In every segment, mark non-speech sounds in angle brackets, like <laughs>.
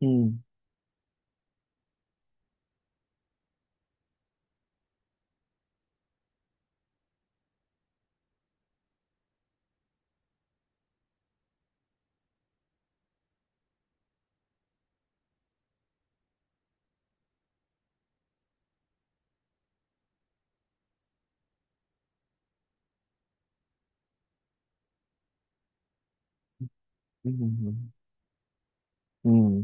Ừ, ừ, ừ, ừ. Ừ,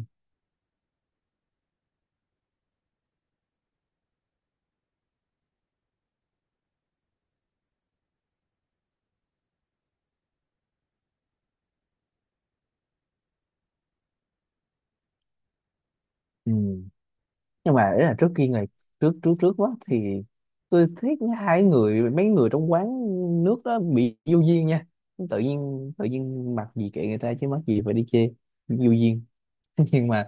ừ. Nhưng mà ý là trước kia ngày trước trước trước quá thì tôi thấy hai người mấy người trong quán nước đó bị vô duyên nha. Tự nhiên mặc gì kệ người ta, chứ mắc gì phải đi chê. Vô duyên. <laughs> nhưng mà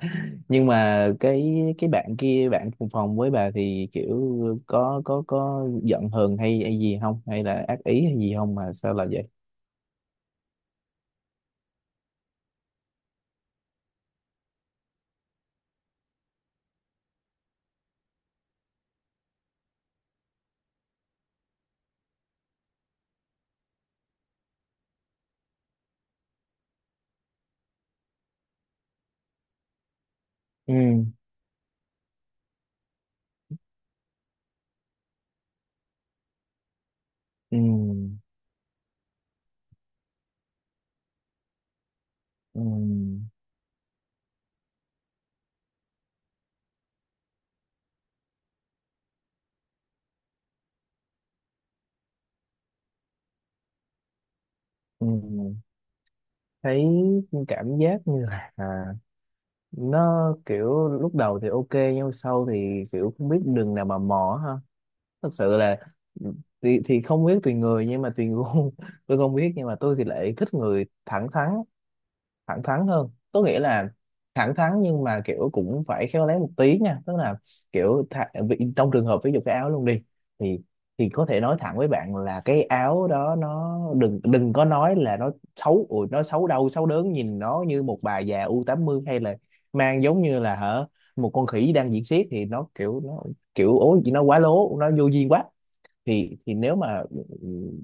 nhưng mà cái bạn kia, bạn cùng phòng với bà thì kiểu có giận hờn hay hay gì không, hay là ác ý hay gì không mà sao là vậy? Ừ, ừ, ừ, ừ. Thấy cảm giác như là, nó kiểu lúc đầu thì ok, nhưng mà sau thì kiểu không biết đường nào mà mò ha. Thật sự là, thì không biết, tùy người nhưng mà tùy gu. <laughs> Tôi không biết, nhưng mà tôi thì lại thích người thẳng thắn. Thẳng thắn hơn có nghĩa là thẳng thắn nhưng mà kiểu cũng phải khéo léo một tí nha, tức là kiểu vì trong trường hợp ví dụ cái áo luôn đi, thì có thể nói thẳng với bạn là cái áo đó nó đừng đừng có nói là nó xấu ủi, nó xấu đâu xấu đớn, nhìn nó như một bà già u tám mươi, hay là mang giống như là hả một con khỉ đang diễn xiếc, thì nó kiểu ố gì nó quá lố, nó vô duyên quá. Thì nếu mà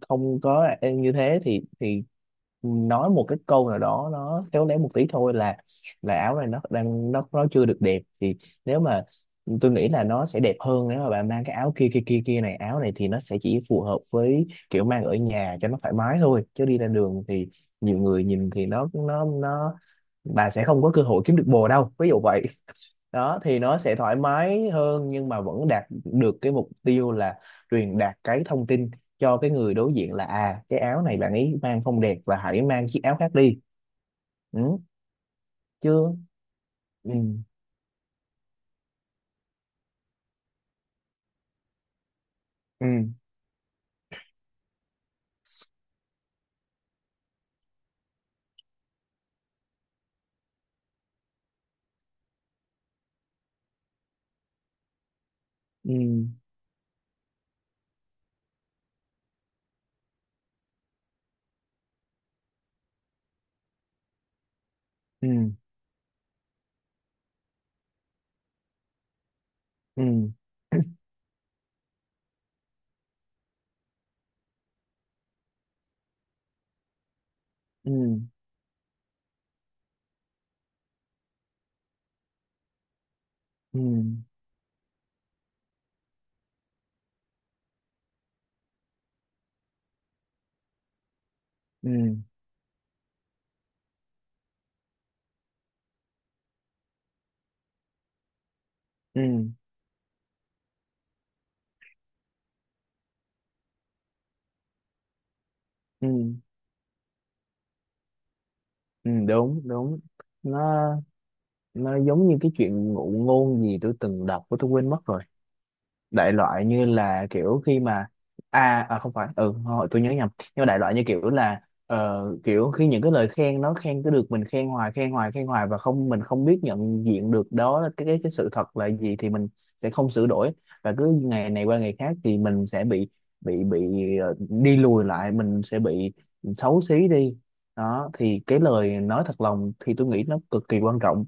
không có như thế thì nói một cái câu nào đó nó khéo léo một tí thôi, là áo này nó đang nó chưa được đẹp, thì nếu mà tôi nghĩ là nó sẽ đẹp hơn nếu mà bạn mang cái áo kia kia kia kia, này áo này thì nó sẽ chỉ phù hợp với kiểu mang ở nhà cho nó thoải mái thôi, chứ đi ra đường thì nhiều người nhìn thì nó bà sẽ không có cơ hội kiếm được bồ đâu, ví dụ vậy đó, thì nó sẽ thoải mái hơn nhưng mà vẫn đạt được cái mục tiêu là truyền đạt cái thông tin cho cái người đối diện, là à cái áo này bạn ấy mang không đẹp và hãy mang chiếc áo khác đi. Ừ, chưa. Ừ, ừ, ừ, ừ, ừ, ừ, ừ, ừ, ừ, ừ, ừ. Đúng, đúng. nó nó giống như cái chuyện ngụ ngôn gì tôi từng đọc, của tôi quên mất rồi, đại loại như là kiểu khi mà, à không phải, ừ, hồi tôi nhớ nhầm, nhưng mà đại loại như kiểu là, kiểu khi những cái lời khen, nó khen cứ được mình khen hoài khen hoài khen hoài, và không mình không biết nhận diện được đó là cái sự thật là gì, thì mình sẽ không sửa đổi. Và cứ ngày này qua ngày khác thì mình sẽ bị đi lùi lại, mình sẽ bị xấu xí đi. Đó thì cái lời nói thật lòng thì tôi nghĩ nó cực kỳ quan trọng.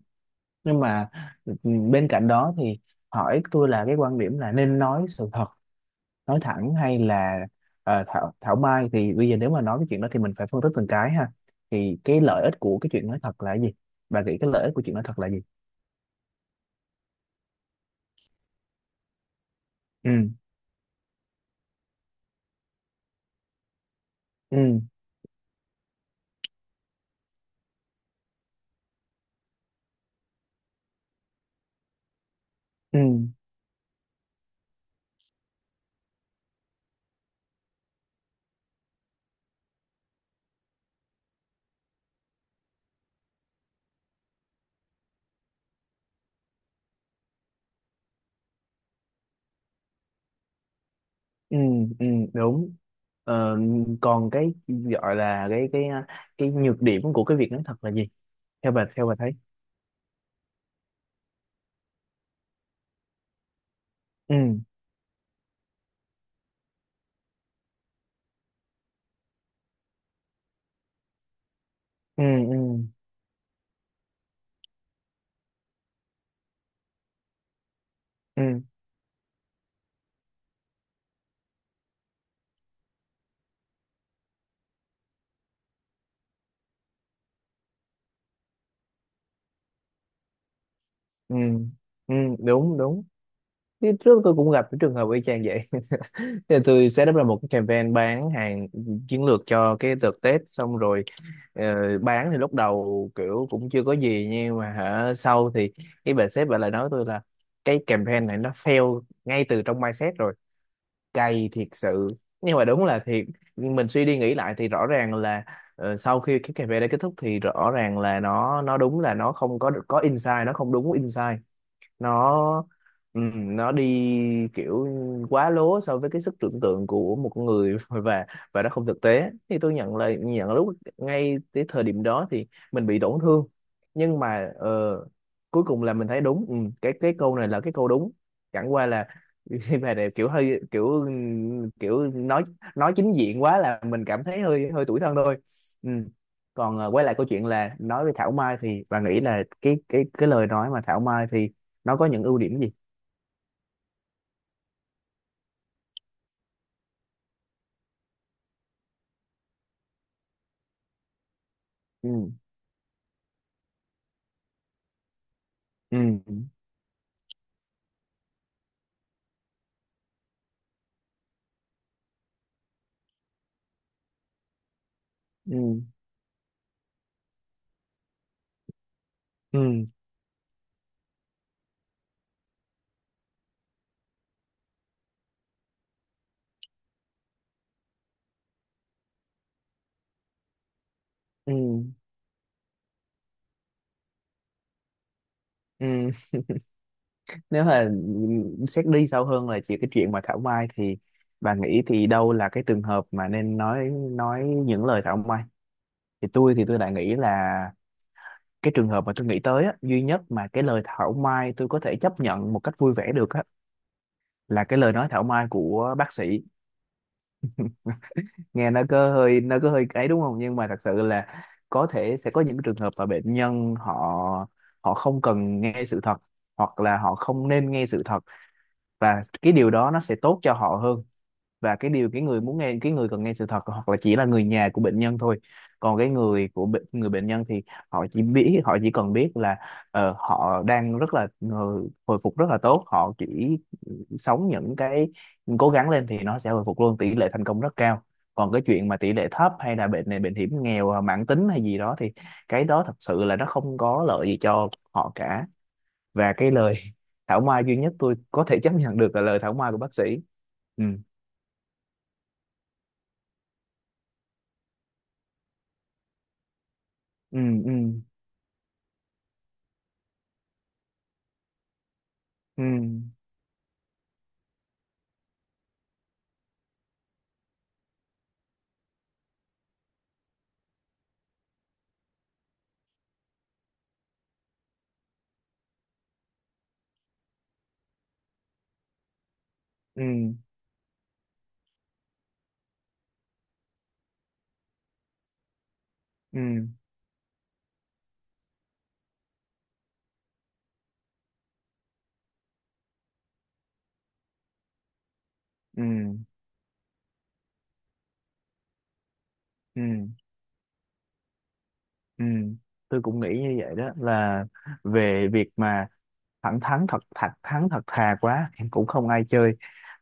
Nhưng mà, ừ, bên cạnh đó thì hỏi tôi là cái quan điểm là nên nói sự thật, nói thẳng hay là thảo thảo mai, thì bây giờ nếu mà nói cái chuyện đó thì mình phải phân tích từng cái ha. Thì cái lợi ích của cái chuyện nói thật là cái gì? Bà nghĩ cái lợi ích của chuyện nói thật là gì? Ừ, ừ, ừ, ừ, ừ. Đúng. Ờ, Còn cái gọi là cái nhược điểm của cái việc nói thật là gì? Theo bà, thấy? Ừ, ừ, ừ, ừ, ừ, ừ. Đúng, đúng. Thì trước tôi cũng gặp cái trường hợp y chang vậy. <laughs> Thì tôi set up ra một cái campaign bán hàng chiến lược cho cái đợt Tết, xong rồi ờ, bán thì lúc đầu kiểu cũng chưa có gì, nhưng mà hả sau thì cái bà sếp, bà lại nói tôi là cái campaign này nó fail ngay từ trong mindset rồi. Cay thiệt sự. Nhưng mà đúng là thiệt, mình suy đi nghĩ lại thì rõ ràng là, sau khi cái campaign đã kết thúc thì rõ ràng là nó đúng là nó không có insight, nó không đúng insight. nó nó đi kiểu quá lố so với cái sức tưởng tượng của một con người. <laughs> Và nó không thực tế, thì tôi nhận, lúc ngay cái thời điểm đó thì mình bị tổn thương, nhưng mà cuối cùng là mình thấy đúng. Cái câu này là cái câu đúng, chẳng qua là <laughs> khi mà này kiểu hơi kiểu kiểu, nói chính diện quá là mình cảm thấy hơi hơi tủi thân thôi. Ừm. Còn quay lại câu chuyện là nói về Thảo Mai, thì bà nghĩ là cái lời nói mà Thảo Mai thì nó có những ưu điểm gì? Ừ, ừ, ừ, ừ, ừ, ừ. Nếu mà xét đi sâu hơn là chỉ cái chuyện mà thảo mai, thì bà nghĩ thì đâu là cái trường hợp mà nên nói những lời thảo mai? Thì tôi lại nghĩ là cái trường hợp mà tôi nghĩ tới á, duy nhất mà cái lời thảo mai tôi có thể chấp nhận một cách vui vẻ được á, là cái lời nói thảo mai của bác sĩ. Nghe nó có hơi, ấy, đúng không, nhưng mà thật sự là có thể sẽ có những trường hợp mà bệnh nhân họ họ không cần nghe sự thật, hoặc là họ không nên nghe sự thật, và cái điều đó nó sẽ tốt cho họ hơn. Và cái người cần nghe sự thật hoặc là chỉ là người nhà của bệnh nhân thôi. Còn cái người của bệnh người bệnh nhân thì họ chỉ cần biết là họ đang rất là, hồi phục rất là tốt, họ chỉ sống những cái, cố gắng lên thì nó sẽ hồi phục luôn, tỷ lệ thành công rất cao. Còn cái chuyện mà tỷ lệ thấp hay là bệnh này bệnh hiểm nghèo, mãn tính hay gì đó thì cái đó thật sự là nó không có lợi gì cho họ cả. Và cái lời <laughs> thảo mai duy nhất tôi có thể chấp nhận được là lời thảo mai của bác sĩ. Ừ, ừ, ừ, ừ, ừ, ừ, ừ, ừ, ừ. Tôi cũng nghĩ như vậy, đó là về việc mà thẳng thắn, thật thật thắn thật thà quá thì cũng không ai chơi,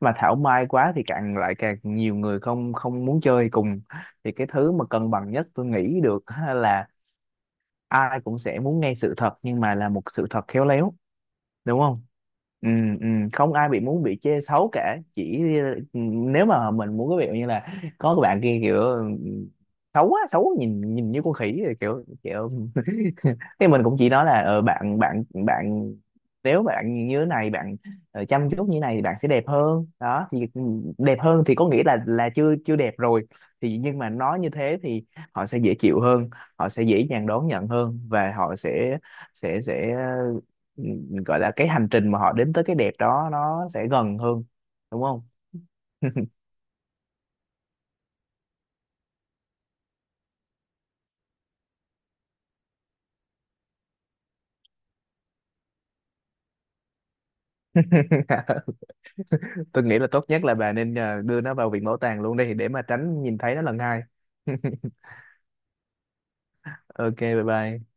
mà thảo mai quá thì càng lại càng nhiều người không không muốn chơi cùng. Thì cái thứ mà cân bằng nhất tôi nghĩ được ha, là ai cũng sẽ muốn nghe sự thật nhưng mà là một sự thật khéo léo, đúng không? Ừ, ừ. Không ai bị chê xấu cả, ừ, nếu mà mình muốn cái việc như là có cái bạn kia kiểu, xấu quá xấu, nhìn nhìn như con khỉ rồi kiểu, thì mình cũng chỉ nói là bạn bạn bạn, nếu bạn như thế này, bạn chăm chút như thế này thì bạn sẽ đẹp hơn đó, thì đẹp hơn thì có nghĩa là chưa chưa đẹp rồi. Thì nhưng mà nói như thế thì họ sẽ dễ chịu hơn, họ sẽ dễ dàng đón nhận hơn, và họ sẽ sẽ sẽ ừ, gọi là cái hành trình mà họ đến tới cái đẹp đó nó sẽ gần hơn, đúng không? <laughs> Tôi nghĩ là tốt nhất là bà nên đưa nó vào viện bảo tàng luôn đi để mà tránh nhìn thấy nó lần hai. <laughs> Ok, bye bye.